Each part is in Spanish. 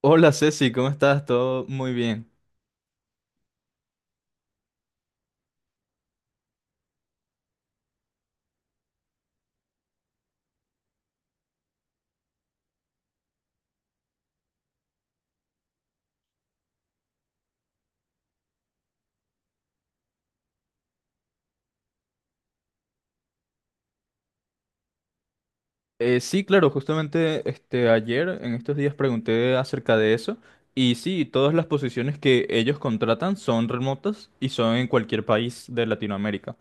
Hola Ceci, ¿cómo estás? Todo muy bien. Sí, claro, justamente ayer en estos días pregunté acerca de eso y sí, todas las posiciones que ellos contratan son remotas y son en cualquier país de Latinoamérica.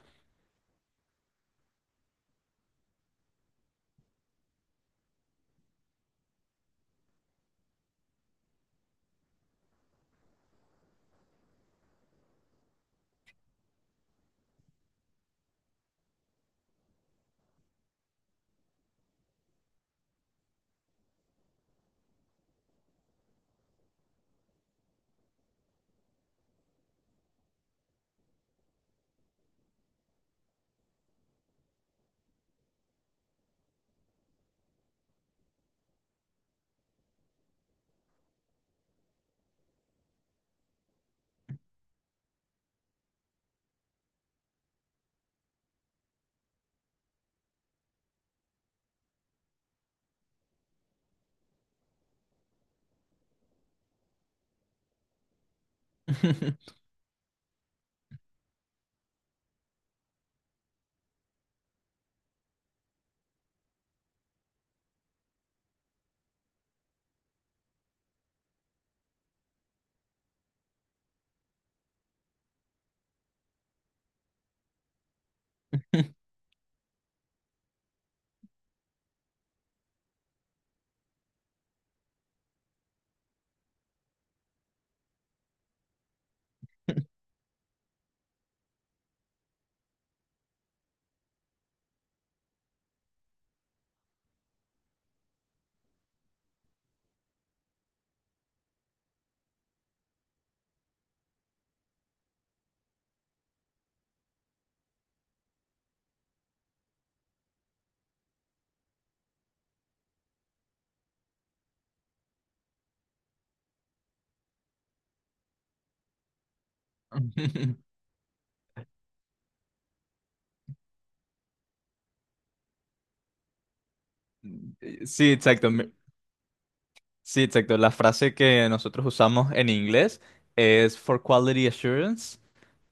Sí, exacto. Sí, exacto. La frase que nosotros usamos en inglés es for quality assurance.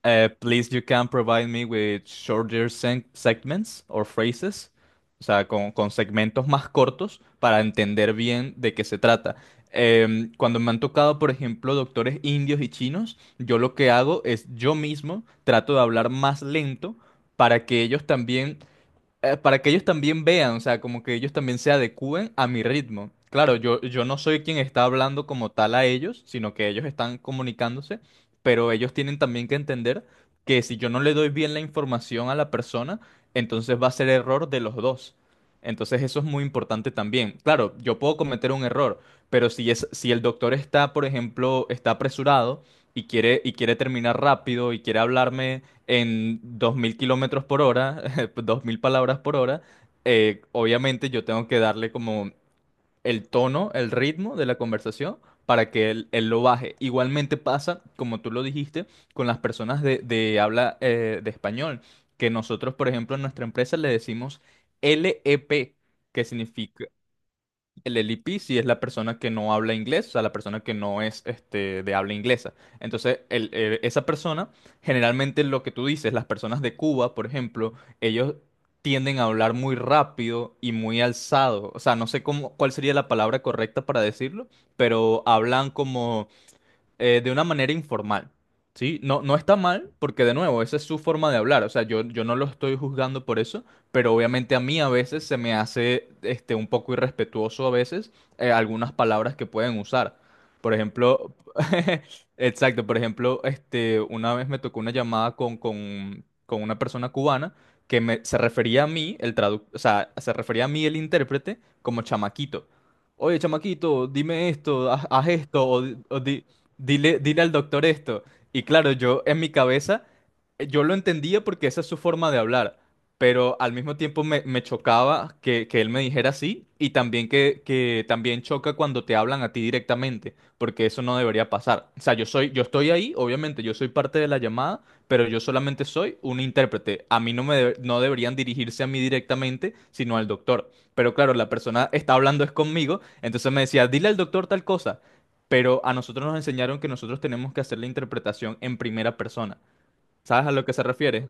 Please, you can provide me with shorter segments or phrases. O sea, con segmentos más cortos para entender bien de qué se trata. Cuando me han tocado, por ejemplo, doctores indios y chinos, yo lo que hago es yo mismo trato de hablar más lento para que ellos también para que ellos también vean, o sea, como que ellos también se adecúen a mi ritmo. Claro, yo no soy quien está hablando como tal a ellos, sino que ellos están comunicándose, pero ellos tienen también que entender que si yo no le doy bien la información a la persona, entonces va a ser error de los dos. Entonces eso es muy importante también. Claro, yo puedo cometer un error, pero si el doctor está, por ejemplo, está apresurado y quiere terminar rápido y quiere hablarme en 2000 kilómetros por hora, 2000 palabras por hora. Obviamente yo tengo que darle como el tono, el ritmo de la conversación para que él lo baje. Igualmente pasa, como tú lo dijiste, con las personas de habla de español, que nosotros, por ejemplo, en nuestra empresa le decimos LEP, que significa el LP, sí, es la persona que no habla inglés, o sea, la persona que no es de habla inglesa. Entonces, esa persona, generalmente lo que tú dices, las personas de Cuba, por ejemplo, ellos tienden a hablar muy rápido y muy alzado. O sea, no sé cómo, cuál sería la palabra correcta para decirlo, pero hablan como de una manera informal. ¿Sí? No, no está mal, porque de nuevo, esa es su forma de hablar, o sea, yo no lo estoy juzgando por eso, pero obviamente a mí a veces se me hace un poco irrespetuoso a veces algunas palabras que pueden usar. Por ejemplo, exacto, por ejemplo, una vez me tocó una llamada con una persona cubana que se refería a mí, o sea, se refería a mí el intérprete como chamaquito. Oye, chamaquito, dime esto, haz esto, dile al doctor esto. Y claro, yo en mi cabeza, yo lo entendía porque esa es su forma de hablar, pero al mismo tiempo me chocaba que él me dijera así, y también que también choca cuando te hablan a ti directamente, porque eso no debería pasar. O sea, yo estoy ahí, obviamente, yo soy parte de la llamada, pero yo solamente soy un intérprete. A mí no deberían dirigirse a mí directamente, sino al doctor. Pero claro, la persona está hablando es conmigo, entonces me decía, dile al doctor tal cosa, pero a nosotros nos enseñaron que nosotros tenemos que hacer la interpretación en primera persona. ¿Sabes a lo que se refiere?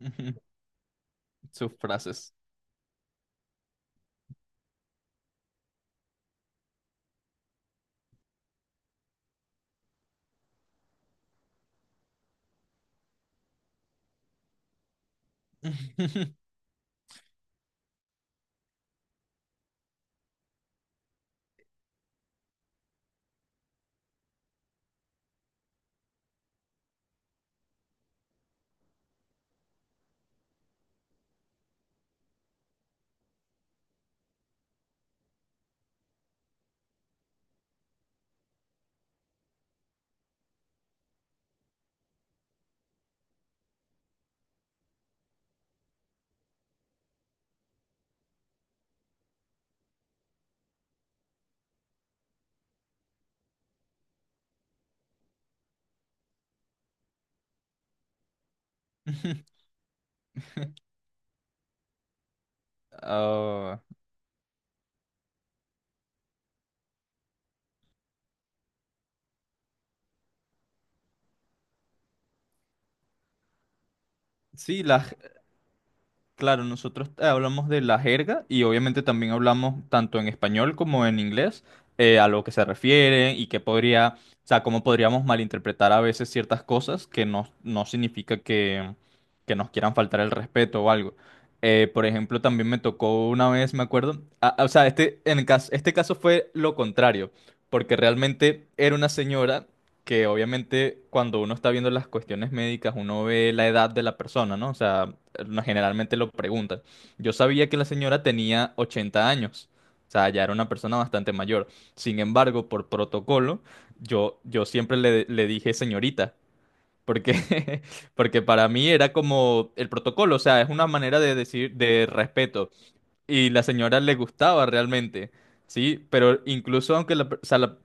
Ujú. Sus frases. Ah, sí. las Claro, nosotros hablamos de la jerga y obviamente también hablamos tanto en español como en inglés, a lo que se refiere y que podría, o sea, cómo podríamos malinterpretar a veces ciertas cosas, que no significa que nos quieran faltar el respeto o algo. Por ejemplo, también me tocó una vez, me acuerdo, o sea, este caso fue lo contrario, porque realmente era una señora que obviamente cuando uno está viendo las cuestiones médicas, uno ve la edad de la persona, ¿no? O sea, generalmente lo preguntan. Yo sabía que la señora tenía 80 años, o sea, ya era una persona bastante mayor. Sin embargo, por protocolo, yo siempre le dije señorita. Porque, Porque para mí era como el protocolo, o sea, es una manera de decir de respeto, y la señora le gustaba realmente, ¿sí? Pero incluso aunque o sea, la,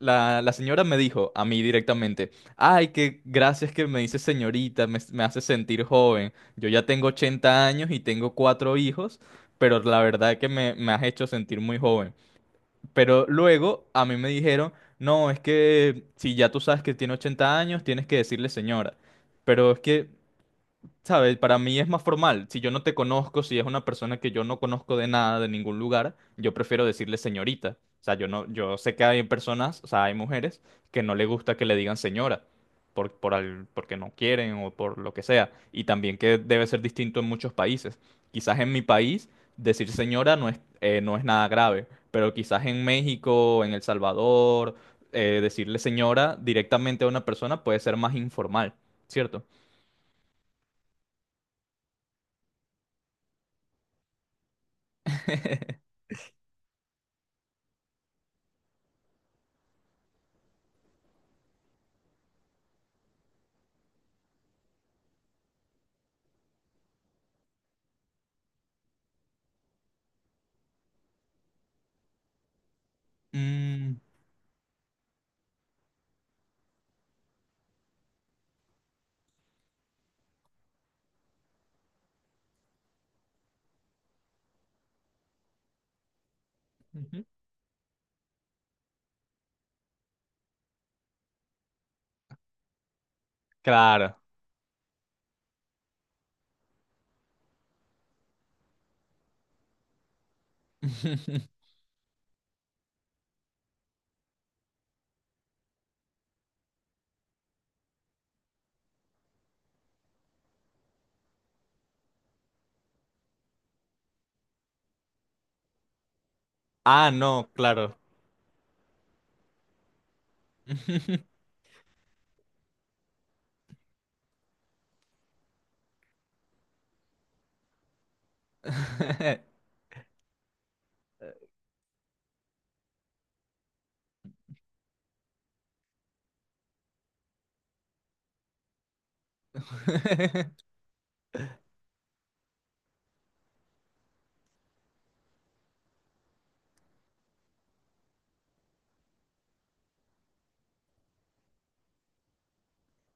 la- la señora me dijo a mí directamente, ay, que gracias que me dices señorita, me hace sentir joven. Yo ya tengo 80 años y tengo cuatro hijos, pero la verdad que me has hecho sentir muy joven. Pero luego a mí me dijeron, no, es que si ya tú sabes que tiene 80 años, tienes que decirle señora. Pero es que, ¿sabes? Para mí es más formal. Si yo no te conozco, si es una persona que yo no conozco de nada, de ningún lugar, yo prefiero decirle señorita. O sea, yo no, yo sé que hay personas, o sea, hay mujeres que no le gusta que le digan señora porque no quieren o por lo que sea. Y también que debe ser distinto en muchos países. Quizás en mi país decir señora no es, nada grave, pero quizás en México, en El Salvador, decirle señora directamente a una persona puede ser más informal, ¿cierto? Mm. Ujú. Claro. Ah, no, claro.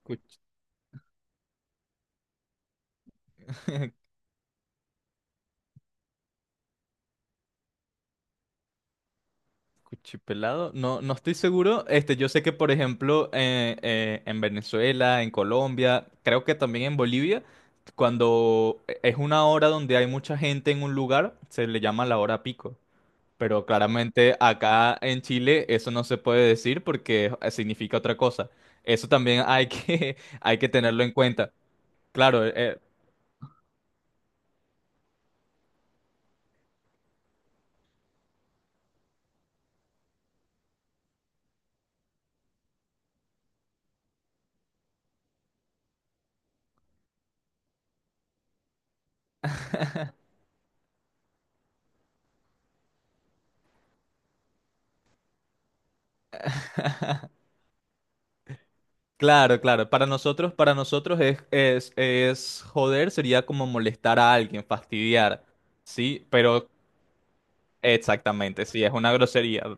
Cuch- Cuchipelado, no, no estoy seguro. Yo sé que, por ejemplo, en Venezuela, en Colombia, creo que también en Bolivia, cuando es una hora donde hay mucha gente en un lugar, se le llama la hora pico. Pero claramente acá en Chile eso no se puede decir porque significa otra cosa. Eso también hay que tenerlo en cuenta. Claro, claro, claro. Para nosotros es joder, sería como molestar a alguien, fastidiar. Sí, pero exactamente, sí, es una grosería.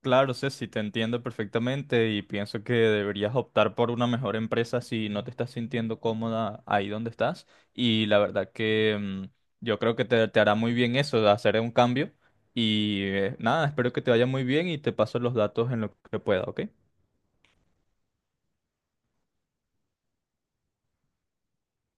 Claro, Ceci, te entiendo perfectamente y pienso que deberías optar por una mejor empresa si no te estás sintiendo cómoda ahí donde estás. Y la verdad que yo creo que te hará muy bien eso, de hacer un cambio. Y nada, espero que te vaya muy bien y te paso los datos en lo que pueda, ¿ok?